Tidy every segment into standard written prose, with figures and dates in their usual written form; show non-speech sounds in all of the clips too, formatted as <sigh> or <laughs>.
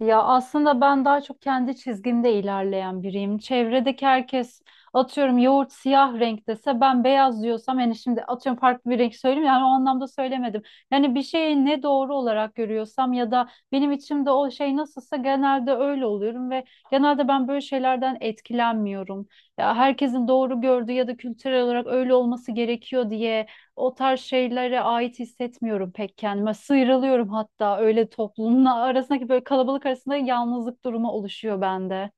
Ya aslında ben daha çok kendi çizgimde ilerleyen biriyim. Çevredeki herkes atıyorum yoğurt siyah renk dese ben beyaz diyorsam yani şimdi atıyorum farklı bir renk söyleyeyim, yani o anlamda söylemedim. Yani bir şeyi ne doğru olarak görüyorsam ya da benim içimde o şey nasılsa genelde öyle oluyorum ve genelde ben böyle şeylerden etkilenmiyorum. Ya herkesin doğru gördüğü ya da kültürel olarak öyle olması gerekiyor diye o tarz şeylere ait hissetmiyorum pek kendime. Sıyrılıyorum hatta, öyle toplumla arasındaki böyle kalabalık arasında yalnızlık durumu oluşuyor bende.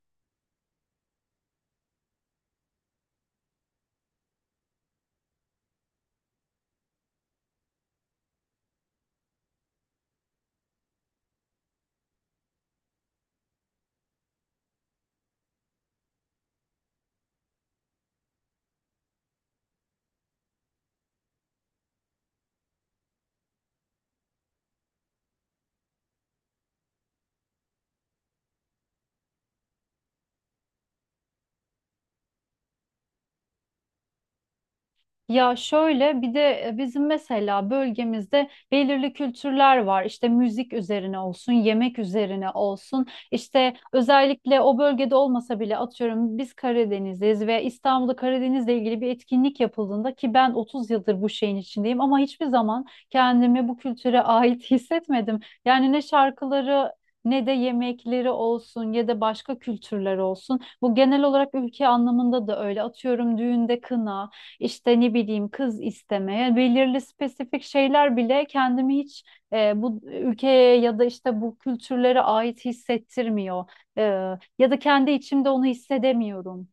Ya şöyle bir de bizim mesela bölgemizde belirli kültürler var. İşte müzik üzerine olsun, yemek üzerine olsun. İşte özellikle o bölgede olmasa bile atıyorum biz Karadeniz'iz ve İstanbul'da Karadeniz'le ilgili bir etkinlik yapıldığında ki ben 30 yıldır bu şeyin içindeyim ama hiçbir zaman kendimi bu kültüre ait hissetmedim. Yani ne şarkıları ne de yemekleri olsun ya da başka kültürler olsun. Bu genel olarak ülke anlamında da öyle. Atıyorum düğünde kına, işte ne bileyim kız istemeye, yani belirli spesifik şeyler bile kendimi hiç bu ülkeye ya da işte bu kültürlere ait hissettirmiyor. E, Ya da kendi içimde onu hissedemiyorum.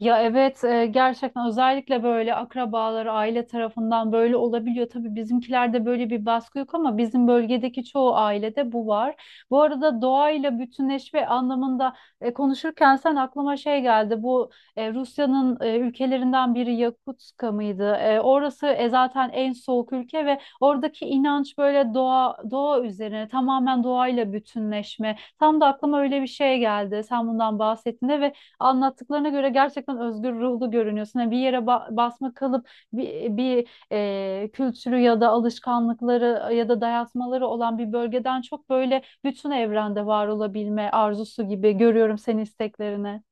Ya evet, gerçekten özellikle böyle akrabaları, aile tarafından böyle olabiliyor. Tabii bizimkilerde böyle bir baskı yok ama bizim bölgedeki çoğu ailede bu var. Bu arada doğayla bütünleşme anlamında konuşurken sen, aklıma şey geldi. Bu Rusya'nın ülkelerinden biri Yakutska mıydı? Orası zaten en soğuk ülke ve oradaki inanç böyle doğa üzerine, tamamen doğayla bütünleşme. Tam da aklıma öyle bir şey geldi sen bundan bahsettiğinde. Ve anlattıklarına göre gerçekten özgür ruhlu görünüyorsun. Yani bir yere basma kalıp bir kültürü ya da alışkanlıkları ya da dayatmaları olan bir bölgeden çok, böyle bütün evrende var olabilme arzusu gibi görüyorum senin isteklerini.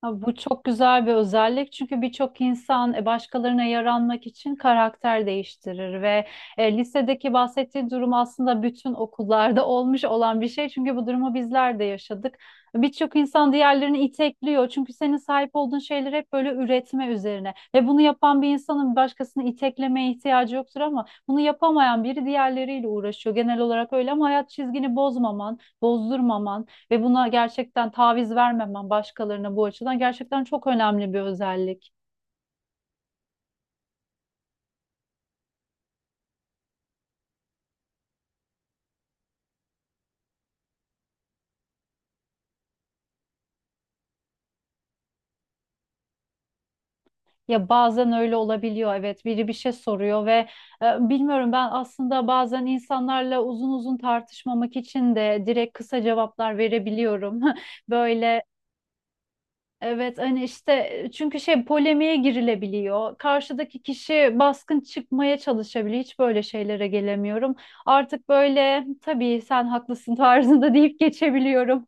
Ha, bu çok güzel bir özellik çünkü birçok insan başkalarına yaranmak için karakter değiştirir. Ve lisedeki bahsettiği durum aslında bütün okullarda <laughs> olmuş olan bir şey, çünkü bu durumu bizler de yaşadık. Birçok insan diğerlerini itekliyor çünkü senin sahip olduğun şeyler hep böyle üretme üzerine ve bunu yapan bir insanın başkasını iteklemeye ihtiyacı yoktur, ama bunu yapamayan biri diğerleriyle uğraşıyor genel olarak. Öyle, ama hayat çizgini bozmaman, bozdurmaman ve buna gerçekten taviz vermemen başkalarına, bu açıdan gerçekten çok önemli bir özellik. Ya bazen öyle olabiliyor, evet, biri bir şey soruyor ve bilmiyorum, ben aslında bazen insanlarla uzun uzun tartışmamak için de direkt kısa cevaplar verebiliyorum. <laughs> Böyle evet, hani işte çünkü şey, polemiğe girilebiliyor. Karşıdaki kişi baskın çıkmaya çalışabiliyor. Hiç böyle şeylere gelemiyorum. Artık böyle tabii sen haklısın <laughs> tarzında deyip geçebiliyorum.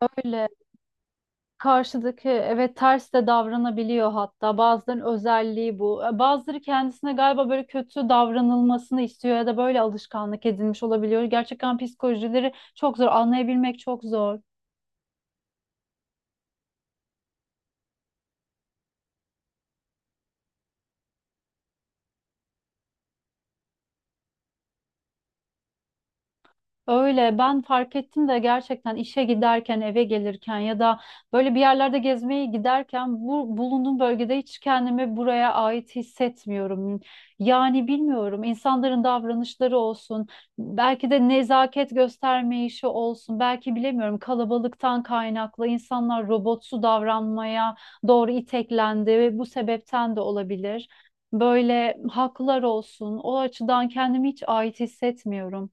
<laughs> Öyle. Karşıdaki, evet, ters de davranabiliyor, hatta bazılarının özelliği bu. Bazıları kendisine galiba böyle kötü davranılmasını istiyor ya da böyle alışkanlık edinmiş olabiliyor. Gerçekten psikolojileri çok zor, anlayabilmek çok zor. Öyle, ben fark ettim de gerçekten işe giderken, eve gelirken ya da böyle bir yerlerde gezmeye giderken bu bulunduğum bölgede hiç kendimi buraya ait hissetmiyorum. Yani bilmiyorum, insanların davranışları olsun, belki de nezaket göstermeyişi olsun, belki bilemiyorum kalabalıktan kaynaklı insanlar robotsu davranmaya doğru iteklendi ve bu sebepten de olabilir. Böyle haklar olsun, o açıdan kendimi hiç ait hissetmiyorum.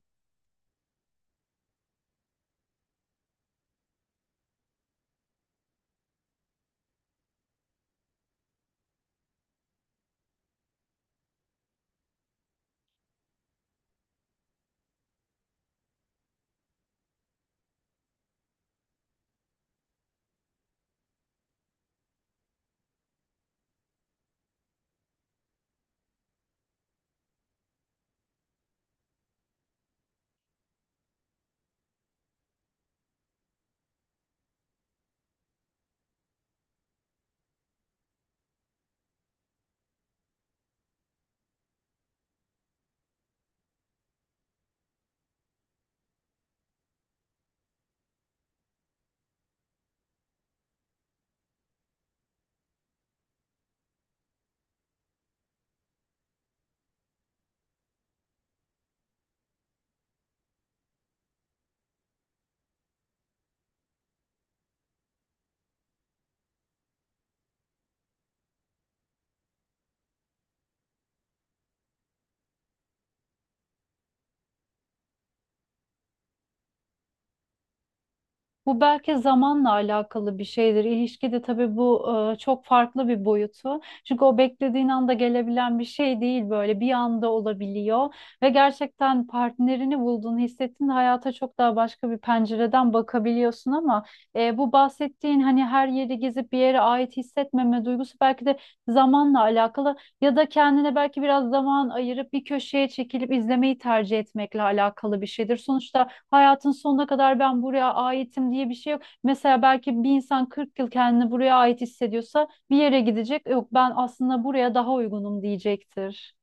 Bu belki zamanla alakalı bir şeydir. İlişkide tabii bu çok farklı bir boyutu. Çünkü o beklediğin anda gelebilen bir şey değil, böyle bir anda olabiliyor. Ve gerçekten partnerini bulduğunu hissettiğinde hayata çok daha başka bir pencereden bakabiliyorsun, ama bu bahsettiğin hani her yeri gezip bir yere ait hissetmeme duygusu belki de zamanla alakalı ya da kendine belki biraz zaman ayırıp bir köşeye çekilip izlemeyi tercih etmekle alakalı bir şeydir. Sonuçta hayatın sonuna kadar ben buraya aitim diye bir şey yok. Mesela belki bir insan 40 yıl kendini buraya ait hissediyorsa, bir yere gidecek. Yok, ben aslında buraya daha uygunum diyecektir.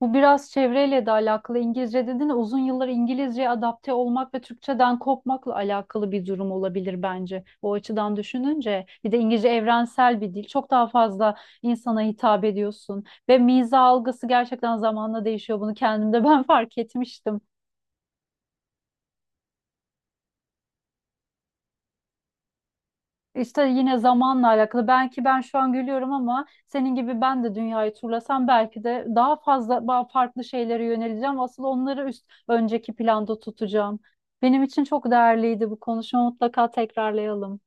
Bu biraz çevreyle de alakalı. İngilizce dedin, uzun yıllar İngilizceye adapte olmak ve Türkçeden kopmakla alakalı bir durum olabilir bence. O açıdan düşününce, bir de İngilizce evrensel bir dil. Çok daha fazla insana hitap ediyorsun ve miza algısı gerçekten zamanla değişiyor. Bunu kendimde <laughs> ben fark etmiştim. İşte yine zamanla alakalı. Belki ben şu an gülüyorum ama senin gibi ben de dünyayı turlasam belki de daha fazla, daha farklı şeylere yöneleceğim. Asıl onları üst önceki planda tutacağım. Benim için çok değerliydi bu konuşma. Mutlaka tekrarlayalım.